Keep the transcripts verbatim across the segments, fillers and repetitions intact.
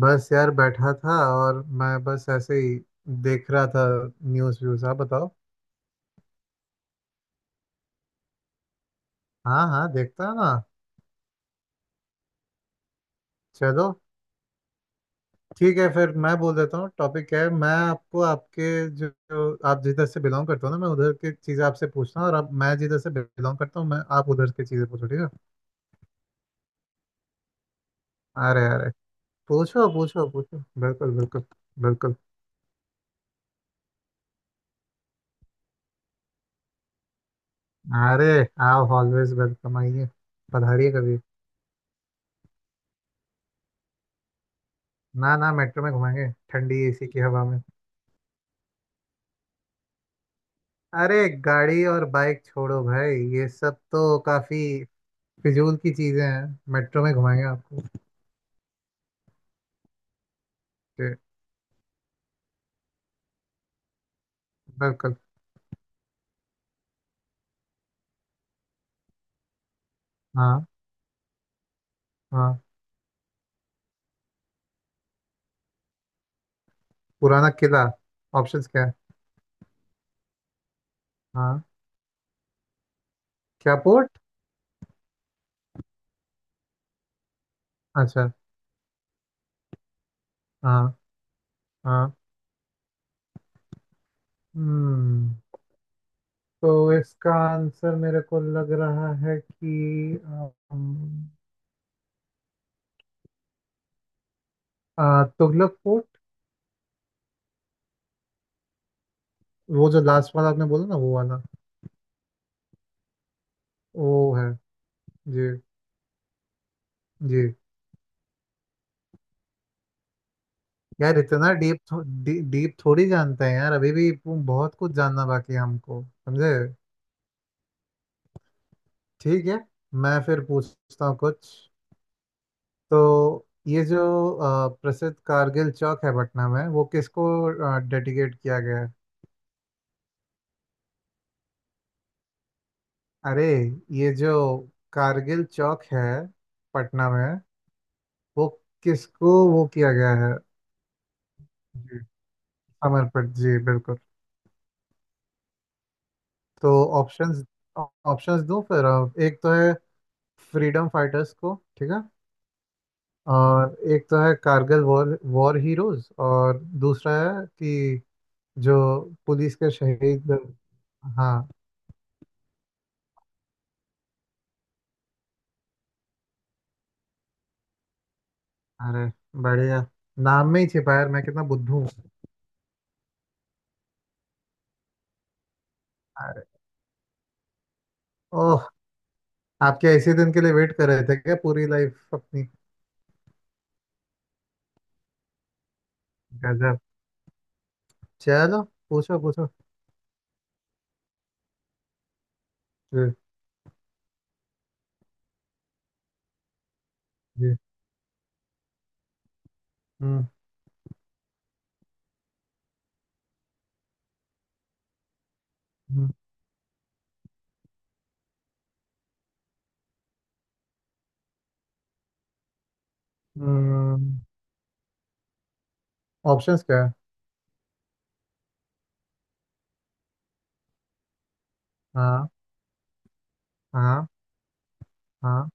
बस यार बैठा था और मैं बस ऐसे ही देख रहा था। News views. आप बताओ। हाँ हाँ, देखता है ना। चलो। ठीक है, फिर मैं बोल देता हूँ टॉपिक क्या है। मैं आपको आपके जो, जो आप जिधर से बिलोंग करते हो ना, मैं उधर की चीज़ें आपसे पूछता हूँ, और अब मैं जिधर से बिलोंग करता हूँ मैं आप उधर की चीज़ें पूछो। ठीक है। अरे अरे। पूछो पूछो पूछो, बिल्कुल बिल्कुल बिल्कुल। अरे, आप ऑलवेज वेलकम, आइए, पधारिए कभी। ना ना, मेट्रो में घुमाएंगे ठंडी एसी की हवा में। अरे, गाड़ी और बाइक छोड़ो भाई, ये सब तो काफी फिजूल की चीजें हैं। मेट्रो में घुमाएंगे आपको। ये। बिल्कुल। हाँ। हाँ। पुराना किला। ऑप्शंस क्या है। हाँ। क्या पोर्ट। अच्छा। हाँ। हाँ। हम्म तो इसका आंसर मेरे को लग रहा है कि अम, आ, तुगलक पोर्ट। वो जो लास्ट वाला आपने बोला ना वो वाला। वो है। जी। जी। यार इतना डीप थो, डी, डीप थोड़ी जानते हैं यार, अभी भी पू- बहुत कुछ जानना बाकी है हमको, समझे। ठीक है। मैं फिर पूछता हूँ कुछ। तो ये जो अ, प्रसिद्ध कारगिल चौक है पटना में, वो किसको डेडिकेट किया गया है। अरे ये जो कारगिल चौक है पटना में, वो किसको वो किया गया है। जी। समर्पित जी, बिल्कुल। तो ऑप्शंस। ऑप्शंस दूं फिर। अ, एक तो है फ्रीडम फाइटर्स को, ठीक है, और एक तो है कारगिल वॉर वॉर हीरोज, और दूसरा है कि जो पुलिस के शहीद। हाँ। अरे बढ़िया। नाम में ही छिपा है यार, मैं कितना बुद्धू हूँ। अरे। ओह, आप क्या इसी दिन के लिए वेट कर रहे थे क्या पूरी लाइफ अपनी। गजब। चलो, पूछो पूछो। जी। जी। हम्म। हम्म। ऑप्शंस क्या है। हाँ। हाँ। हाँ।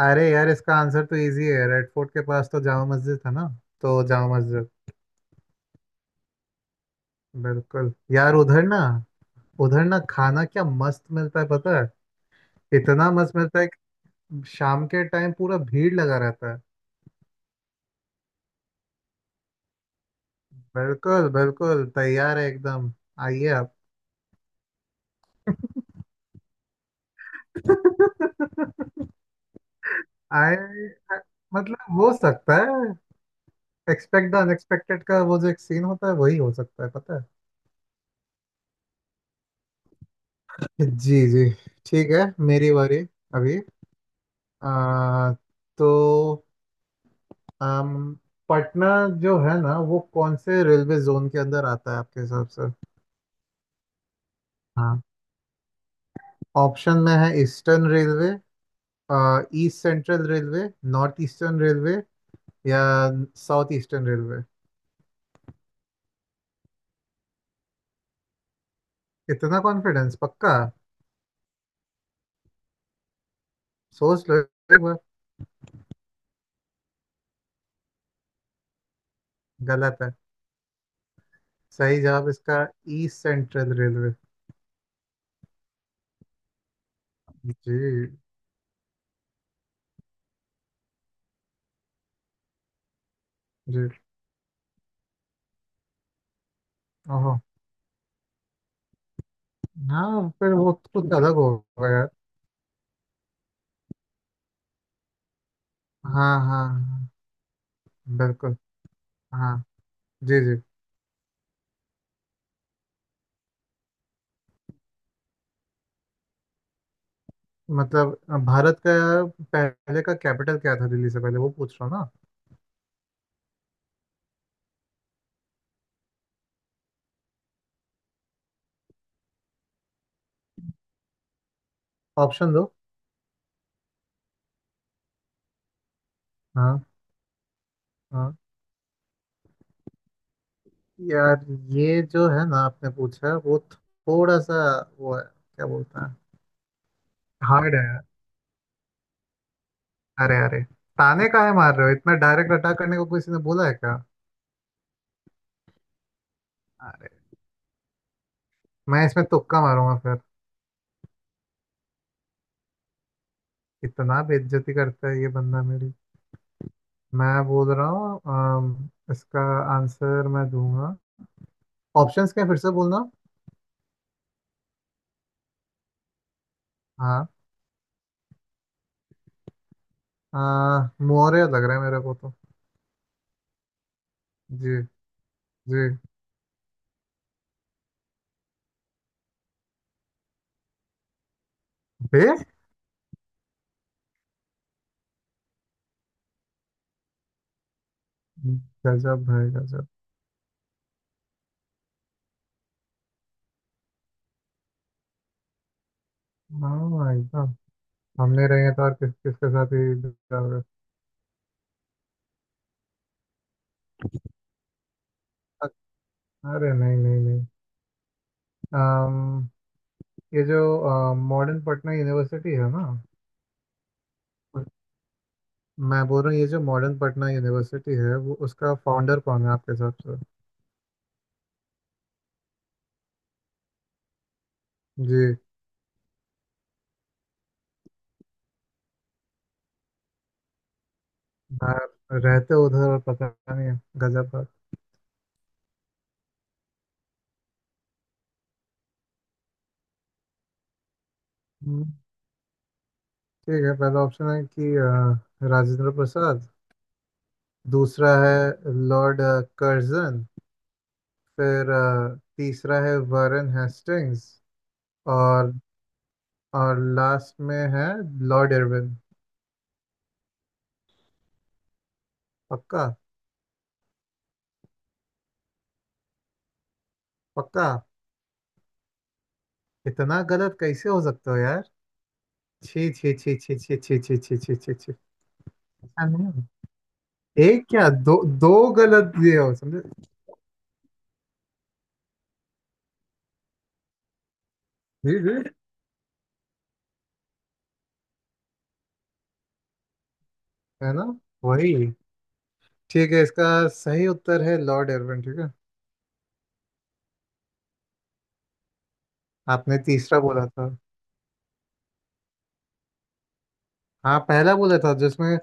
अरे यार, इसका आंसर तो इजी है, रेड फोर्ट के पास तो जामा मस्जिद था ना, तो जामा मस्जिद। बिल्कुल यार। उधर ना, उधर ना खाना क्या मस्त मिलता है पता है। इतना मस्त मिलता है कि शाम के टाइम पूरा भीड़ लगा रहता है। बिल्कुल बिल्कुल, तैयार है एकदम। आइए आप। आए। मतलब हो सकता है। एक्सपेक्ट द अनएक्सपेक्टेड का वो जो एक सीन होता है वही हो सकता है पता है। जी जी। ठीक है, मेरी बारी अभी। आ, तो अम, पटना जो है ना वो कौन से रेलवे जोन के अंदर आता है आपके हिसाब से। हाँ, ऑप्शन में है eastern railway, east central railway, north eastern railway, या साउथ ईस्टर्न रेलवे। इतना कॉन्फिडेंस, पक्का। सोच लो एक बार। गलत है। सही जवाब इसका ईस्ट सेंट्रल रेलवे। जी। जी। ओहो। हाँ फिर वो तो कुछ अलग होगा यार। हाँ हाँ हाँ। बिल्कुल। हाँ। जी जी। मतलब अ, भारत का पहले का कैपिटल क्या था, दिल्ली से पहले, वो पूछ रहा हूँ ना। ऑप्शन दो। हाँ। हाँ। यार ये जो है ना आपने पूछा वो थोड़ा सा वो है क्या बोलते हैं। हार्ड है यार। अरे अरे, ताने काहे मार रहे हो, इतना डायरेक्ट अटैक करने को किसी ने बोला है क्या। अरे, मैं इसमें तुक्का मारूंगा फिर। इतना बेइज्जती करता है ये बंदा मेरी। मैं बोल रहा हूँ अम, इसका आंसर मैं दूंगा। ऑप्शंस क्या फिर से बोलना। हाँ। अ, मौर्य लग रहा है मेरे को तो। जी। जी। बे। गजब भाई गजब। हाँ भाई साहब, हमने रहेंगे तो और किस किसके साथ ही बिता होगा। अरे नहीं नहीं नहीं। अम, ये जो मॉडर्न पटना यूनिवर्सिटी है ना। मैं बोल रहा हूँ ये जो मॉडर्न पटना यूनिवर्सिटी है वो उसका फाउंडर कौन है आपके हिसाब से। जी। आप रहते हो उधर और पता नहीं है, गजब बात। हम्म, ठीक है, पहला ऑप्शन है कि अ, राजेंद्र प्रसाद, दूसरा है लॉर्ड कर्जन, फिर अ, तीसरा है वारन हेस्टिंग्स, और और लास्ट में है लॉर्ड इरविन। पक्का। पक्का। इतना गलत कैसे हो सकता हो यार। छी छी छी छी छी छी छी छी छी छी छी। ऐसा नहीं हो। एक क्या दो। दो गलत दिए हो समझे। जी जी। है ना। वही। ठीक है, इसका सही उत्तर है लॉर्ड इरविन, ठीक है। आपने तीसरा बोला था। हाँ पहला बोला था जिसमें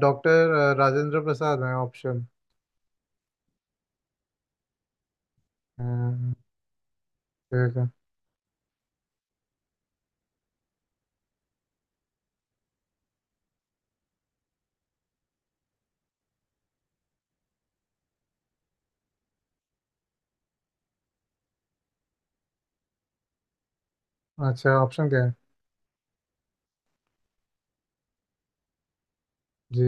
डॉक्टर राजेंद्र प्रसाद है ऑप्शन। ठीक है। अच्छा ऑप्शन क्या है। जी।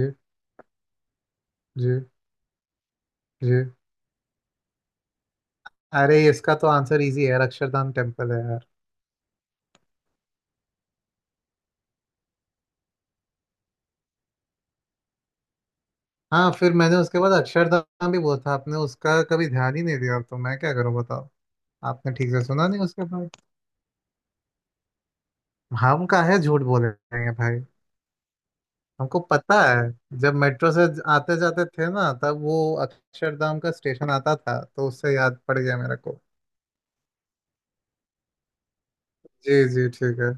जी। जी। अरे इसका तो आंसर इजी है यार, अक्षरधाम टेम्पल है यार। हाँ फिर मैंने उसके बाद अक्षरधाम भी बोला था, आपने उसका कभी ध्यान ही नहीं दिया तो मैं क्या करूँ बताओ। आपने ठीक से सुना नहीं उसके बाद। हम का है झूठ बोलेंगे भाई। हमको पता है, जब मेट्रो से आते जाते थे ना तब वो अक्षरधाम का स्टेशन आता था तो उससे याद पड़ गया मेरे को। जी जी ठीक है।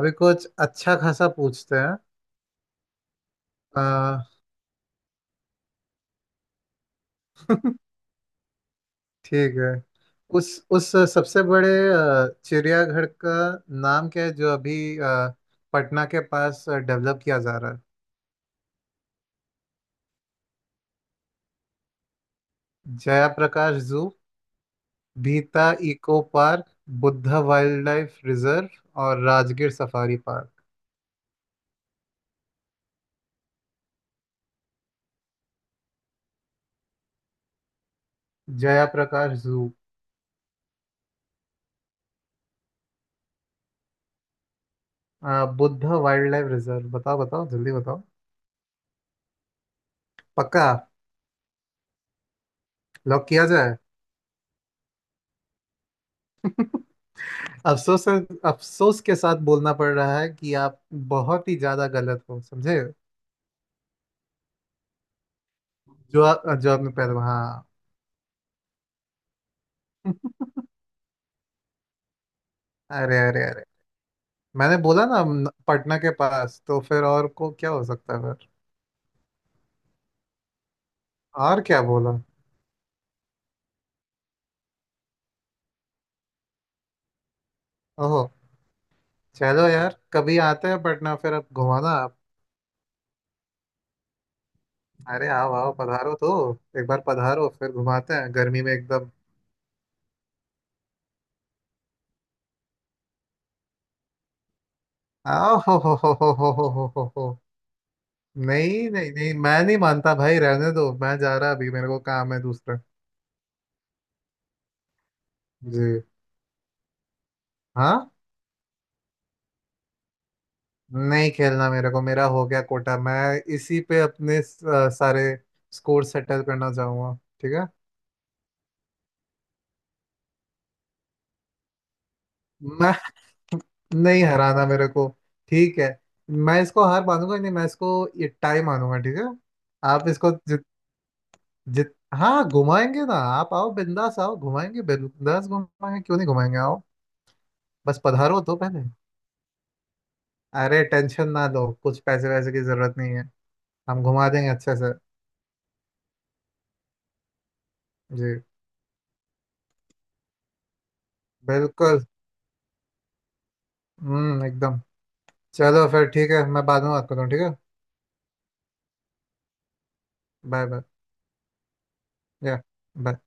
अभी कुछ अच्छा खासा पूछते हैं। आ, ठीक है, उस उस सबसे बड़े अ, चिड़ियाघर का नाम क्या है जो अभी अ, पटना के पास डेवलप किया जा रहा है। जयाप्रकाश जू, भीता eco park, Buddha wildlife reserve, और Rajgir safari park. Jayaprakash zoo. अ, बुद्धा वाइल्ड लाइफ रिजर्व। बताओ बताओ जल्दी बताओ। पक्का। लॉक किया जाए। अफसोस अफसोस के साथ बोलना पड़ रहा है कि आप बहुत ही ज्यादा गलत हो समझे। जो आ- जो आपने पहले। हाँ, अरे अरे अरे, मैंने बोला ना न- पटना के पास, तो फिर और को क्या हो सकता है फिर। और क्या बोला। ओहो। चलो यार, कभी आते हैं पटना फिर, अब घुमाना आप। अरे आओ आओ, पधारो तो। एक बार पधारो, फिर घुमाते हैं गर्मी में एकदम। आओ हो हो हो हो हो हो हो हो हो। नहीं नहीं नहीं, मैं नहीं मानता भाई, रहने दो, मैं जा रहा अभी, मेरे को काम है दूसरा। जी। हाँ। नहीं खेलना मेरे को, मेरा हो गया कोटा। मैं इसी पे अपने स- सारे स्कोर सेटल करना चाहूंगा, ठीक है। मैं नहीं हराना मेरे को। ठीक है, मैं इसको हार मानूंगा नहीं, मैं इसको ये टाई मानूंगा, ठीक है। आप इसको जित जित हाँ, घुमाएंगे ना आप, आओ बिंदास, आओ घुमाएंगे बिंदास, घुमाएंगे क्यों नहीं घुमाएंगे, आओ। बस पधारो तो पहले। अरे टेंशन ना लो, कुछ पैसे वैसे की जरूरत नहीं है, हम घुमा देंगे अच्छे से। जी। बिल्कुल। हम्म एकदम। चलो फिर ठीक है, मैं बाद में बात करता हूँ ठीक है। Bye bye. या। बाय।